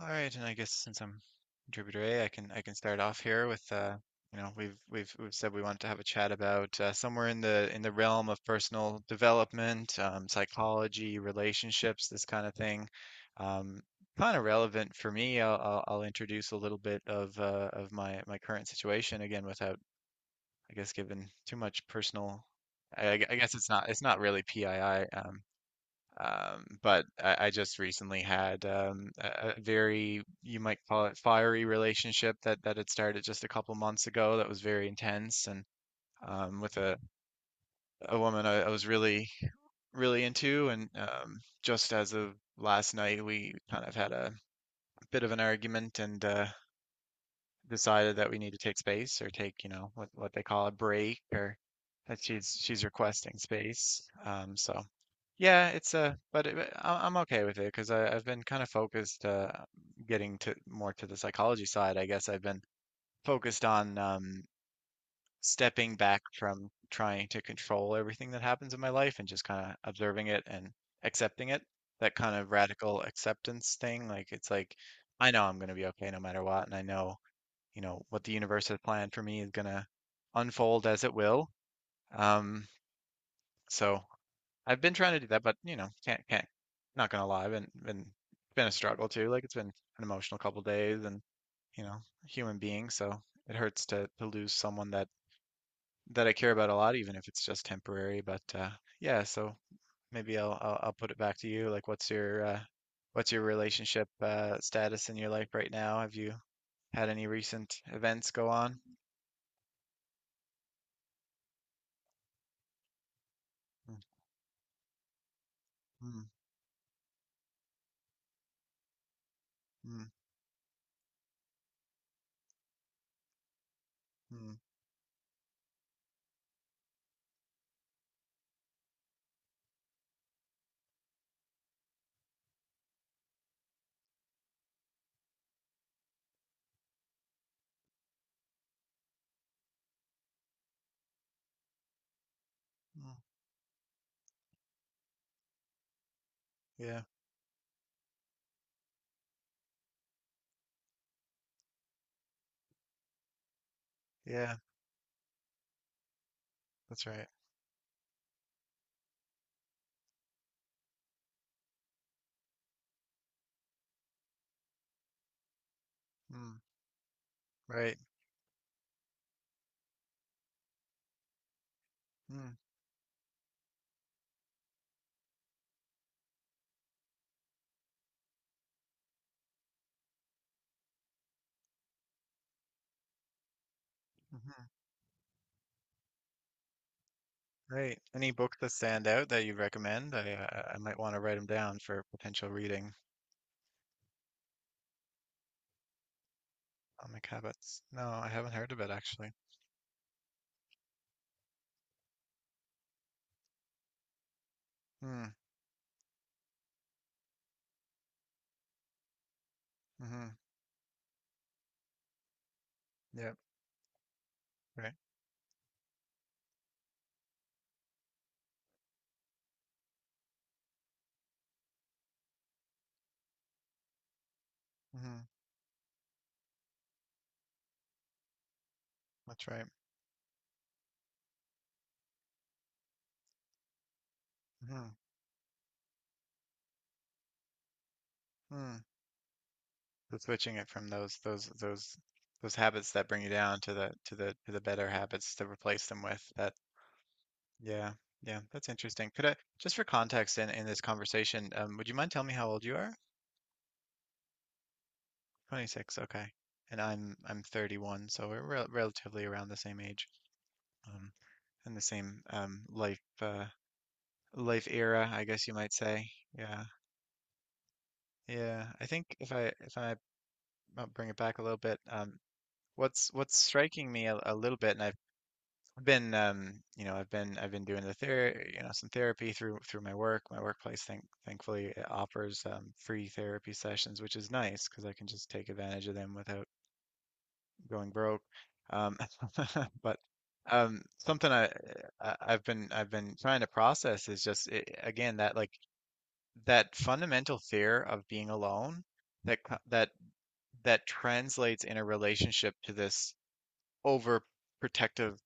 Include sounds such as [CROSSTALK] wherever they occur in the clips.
All right, and I guess since I'm contributor A, I can start off here with you know we've said we want to have a chat about somewhere in the realm of personal development, psychology, relationships, this kind of thing. Um, Kind of relevant for me. I'll introduce a little bit of my current situation again without I guess giving too much personal. I guess it's not really PII. But I just recently had a very, you might call it fiery relationship that had started just a couple months ago that was very intense and with a woman I was really, really into. And just as of last night, we kind of had a bit of an argument and decided that we need to take space or take, you know, what they call a break or that she's requesting space. So yeah, it's a but it, but I'm okay with it because I've been kind of focused getting to more to the psychology side. I guess I've been focused on stepping back from trying to control everything that happens in my life and just kind of observing it and accepting it. That kind of radical acceptance thing. Like it's like I know I'm going to be okay no matter what, and I know you know what the universe has planned for me is going to unfold as it will. Um, so I've been trying to do that, but you know, can't not gonna lie, I've been a struggle too. Like it's been an emotional couple days, and you know, human being, so it hurts to lose someone that I care about a lot, even if it's just temporary. But yeah, so maybe I'll put it back to you. Like, what's your relationship status in your life right now? Have you had any recent events go on? Mm, mm, mm. Mm, mm, yeah, yeah, that's right. Mm, right. Mm, hmm right. Any books that stand out that you recommend? I might want to write them down for potential reading. Atomic Habits. No, I haven't heard of it actually. Mm, mm-hmm. Yep. Right. Mm-hmm. That's right. Mm-hmm. Mm. So switching it from those habits that bring you down to the better habits to replace them with. That. Yeah. Yeah. That's interesting. Could I just for context in this conversation, would you mind telling me how old you are? 26, okay. And I'm 31, so we're relatively around the same age, um, and the same life life era, I guess you might say. Yeah, yeah. I think if I might bring it back a little bit, what's striking me a little bit, and I've been you know I've been doing the ther you know some therapy through my work. My workplace, thankfully, it offers free therapy sessions, which is nice because I can just take advantage of them without going broke. Um, [LAUGHS] but something I've been trying to process is just it, again that like that fundamental fear of being alone that that that translates in a relationship to this over protective,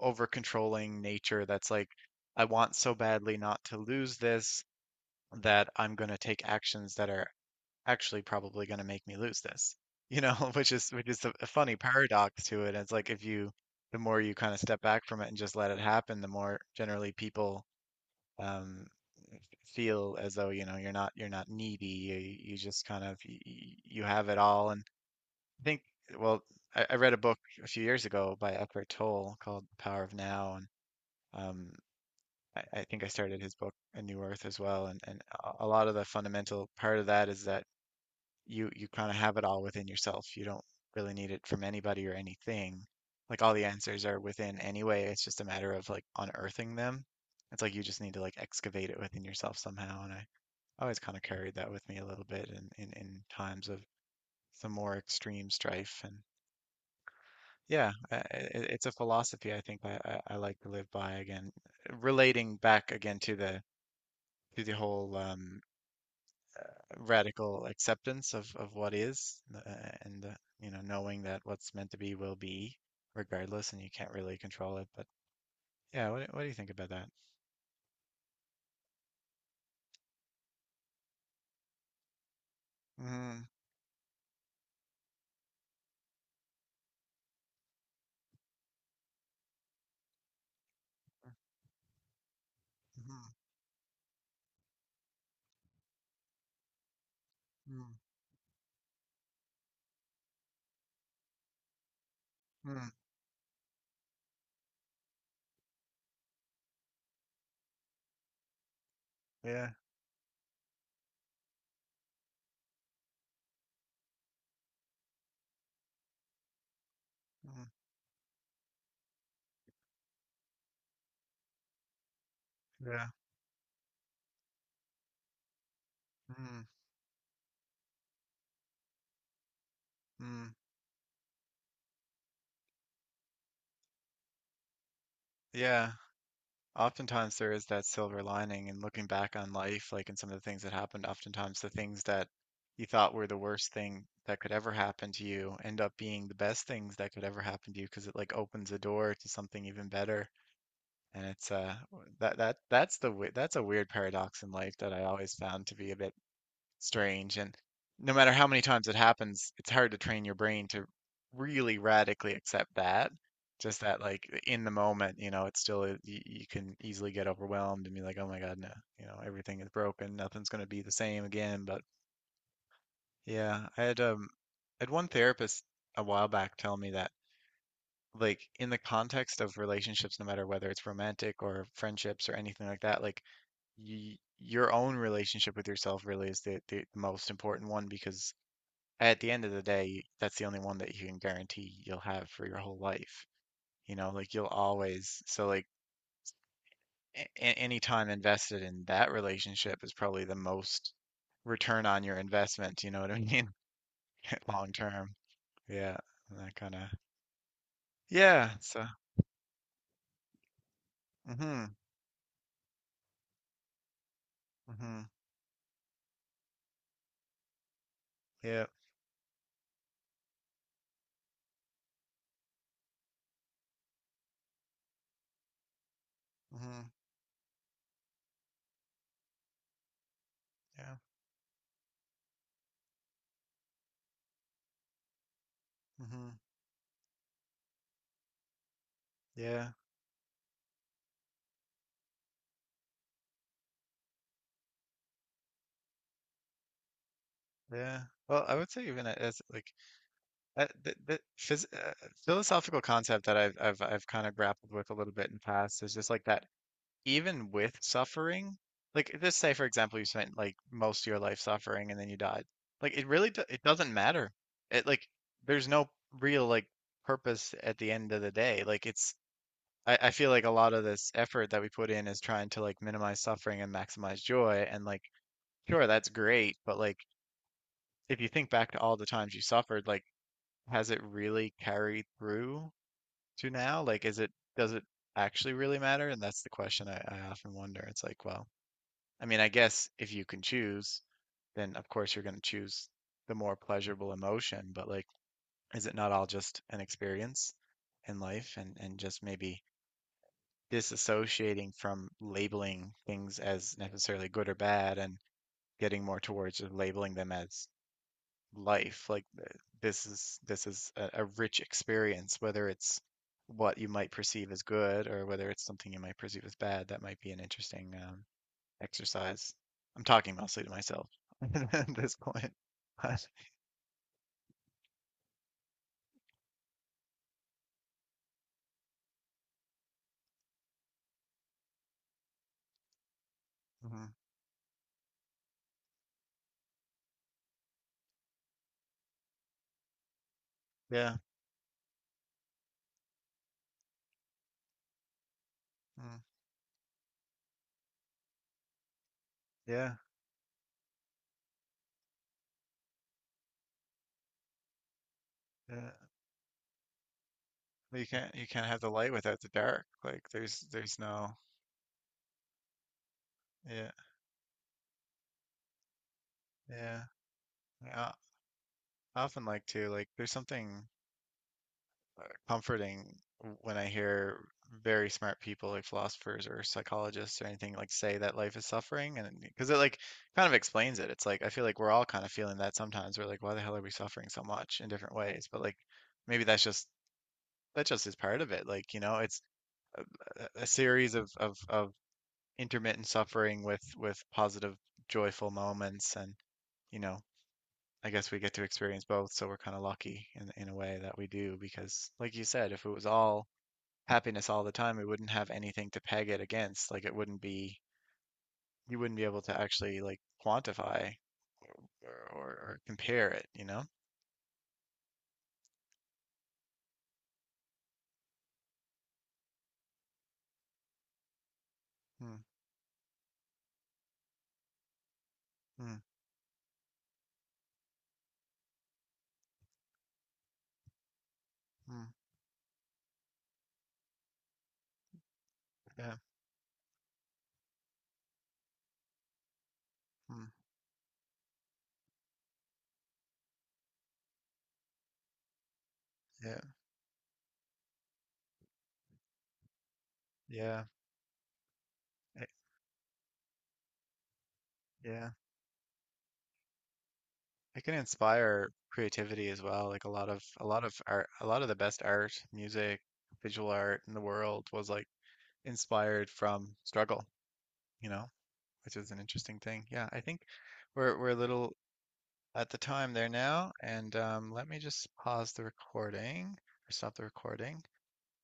over controlling nature that's like I want so badly not to lose this that I'm going to take actions that are actually probably going to make me lose this, you know. [LAUGHS] Which is which is a funny paradox to it. It's like if you the more you kind of step back from it and just let it happen the more generally people um feel as though you know you're not needy, you just kind of you, you have it all. And I think, well, I read a book a few years ago by Eckhart Tolle called The Power of Now. And um I think I started his book A New Earth as well, and a lot of the fundamental part of that is that you kind of have it all within yourself. You don't really need it from anybody or anything. Like all the answers are within anyway. It's just a matter of like unearthing them. It's like you just need to like excavate it within yourself somehow. And I always kind of carried that with me a little bit in times of some more extreme strife. And yeah, it's a philosophy I think I like to live by again, relating back again to the whole radical acceptance of what is and you know knowing that what's meant to be will be regardless and you can't really control it but yeah. What do you think about that? mm, mm, mm, mm, yeah, mm, yeah, mm, mm. yeah. Oftentimes there is that silver lining and looking back on life like in some of the things that happened, oftentimes the things that you thought were the worst thing that could ever happen to you end up being the best things that could ever happen to you because it like opens a door to something even better. And it's that that that's the that's a weird paradox in life that I always found to be a bit strange. And no matter how many times it happens, it's hard to train your brain to really radically accept that. Just that, like in the moment, you know, it's still you, you can easily get overwhelmed and be like, "Oh my God, no, you know, everything is broken. Nothing's going to be the same again." But yeah, I had one therapist a while back tell me that like in the context of relationships, no matter whether it's romantic or friendships or anything like that, like y your own relationship with yourself really is the most important one because at the end of the day, that's the only one that you can guarantee you'll have for your whole life. You know, like you'll always, so like a- any time invested in that relationship is probably the most return on your investment, you know what I mean? [LAUGHS] Long term. Yeah, that kind of. Yeah, so. Mhm. Mhm. Yeah. Mhm. Yeah. Mhm. Yeah. Yeah. Well, I would say even as like the phys philosophical concept that I've kind of grappled with a little bit in the past is just like that even with suffering, like just say for example you spent like most of your life suffering and then you died, like it really it doesn't matter. It like there's no real like purpose at the end of the day. Like it's I feel like a lot of this effort that we put in is trying to like minimize suffering and maximize joy and like sure that's great, but like if you think back to all the times you suffered, like has it really carried through to now? Like, is it, does it actually really matter? And that's the question I often wonder. It's like, well, I mean, I guess if you can choose, then of course you're going to choose the more pleasurable emotion, but like, is it not all just an experience in life and just maybe disassociating from labeling things as necessarily good or bad and getting more towards just labeling them as life. Like this is a rich experience, whether it's what you might perceive as good or whether it's something you might perceive as bad. That might be an interesting exercise. I'm talking mostly to myself [LAUGHS] at this point. But mhm, yeah, mm, yeah, yeah. You can't have the light without the dark. Like there's no yeah yeah. I often like to like there's something comforting when I hear very smart people like philosophers or psychologists or anything like say that life is suffering and because it like kind of explains it. It's like I feel like we're all kind of feeling that sometimes. We're like, why the hell are we suffering so much in different ways? But like maybe that's just that just is part of it. Like, you know, it's a series of intermittent suffering with positive joyful moments and you know I guess we get to experience both, so we're kind of lucky in a way that we do because, like you said, if it was all happiness all the time, we wouldn't have anything to peg it against. Like it wouldn't be, you wouldn't be able to actually like quantify or compare it, you know? Mm, mm, mm, yeah, mm, yeah, yeah, it, yeah. It can inspire creativity as well. Like a lot of art, a lot of the best art, music, visual art in the world was like inspired from struggle, you know, which is an interesting thing. Yeah, I think we're a little at the time there now. And let me just pause the recording or stop the recording.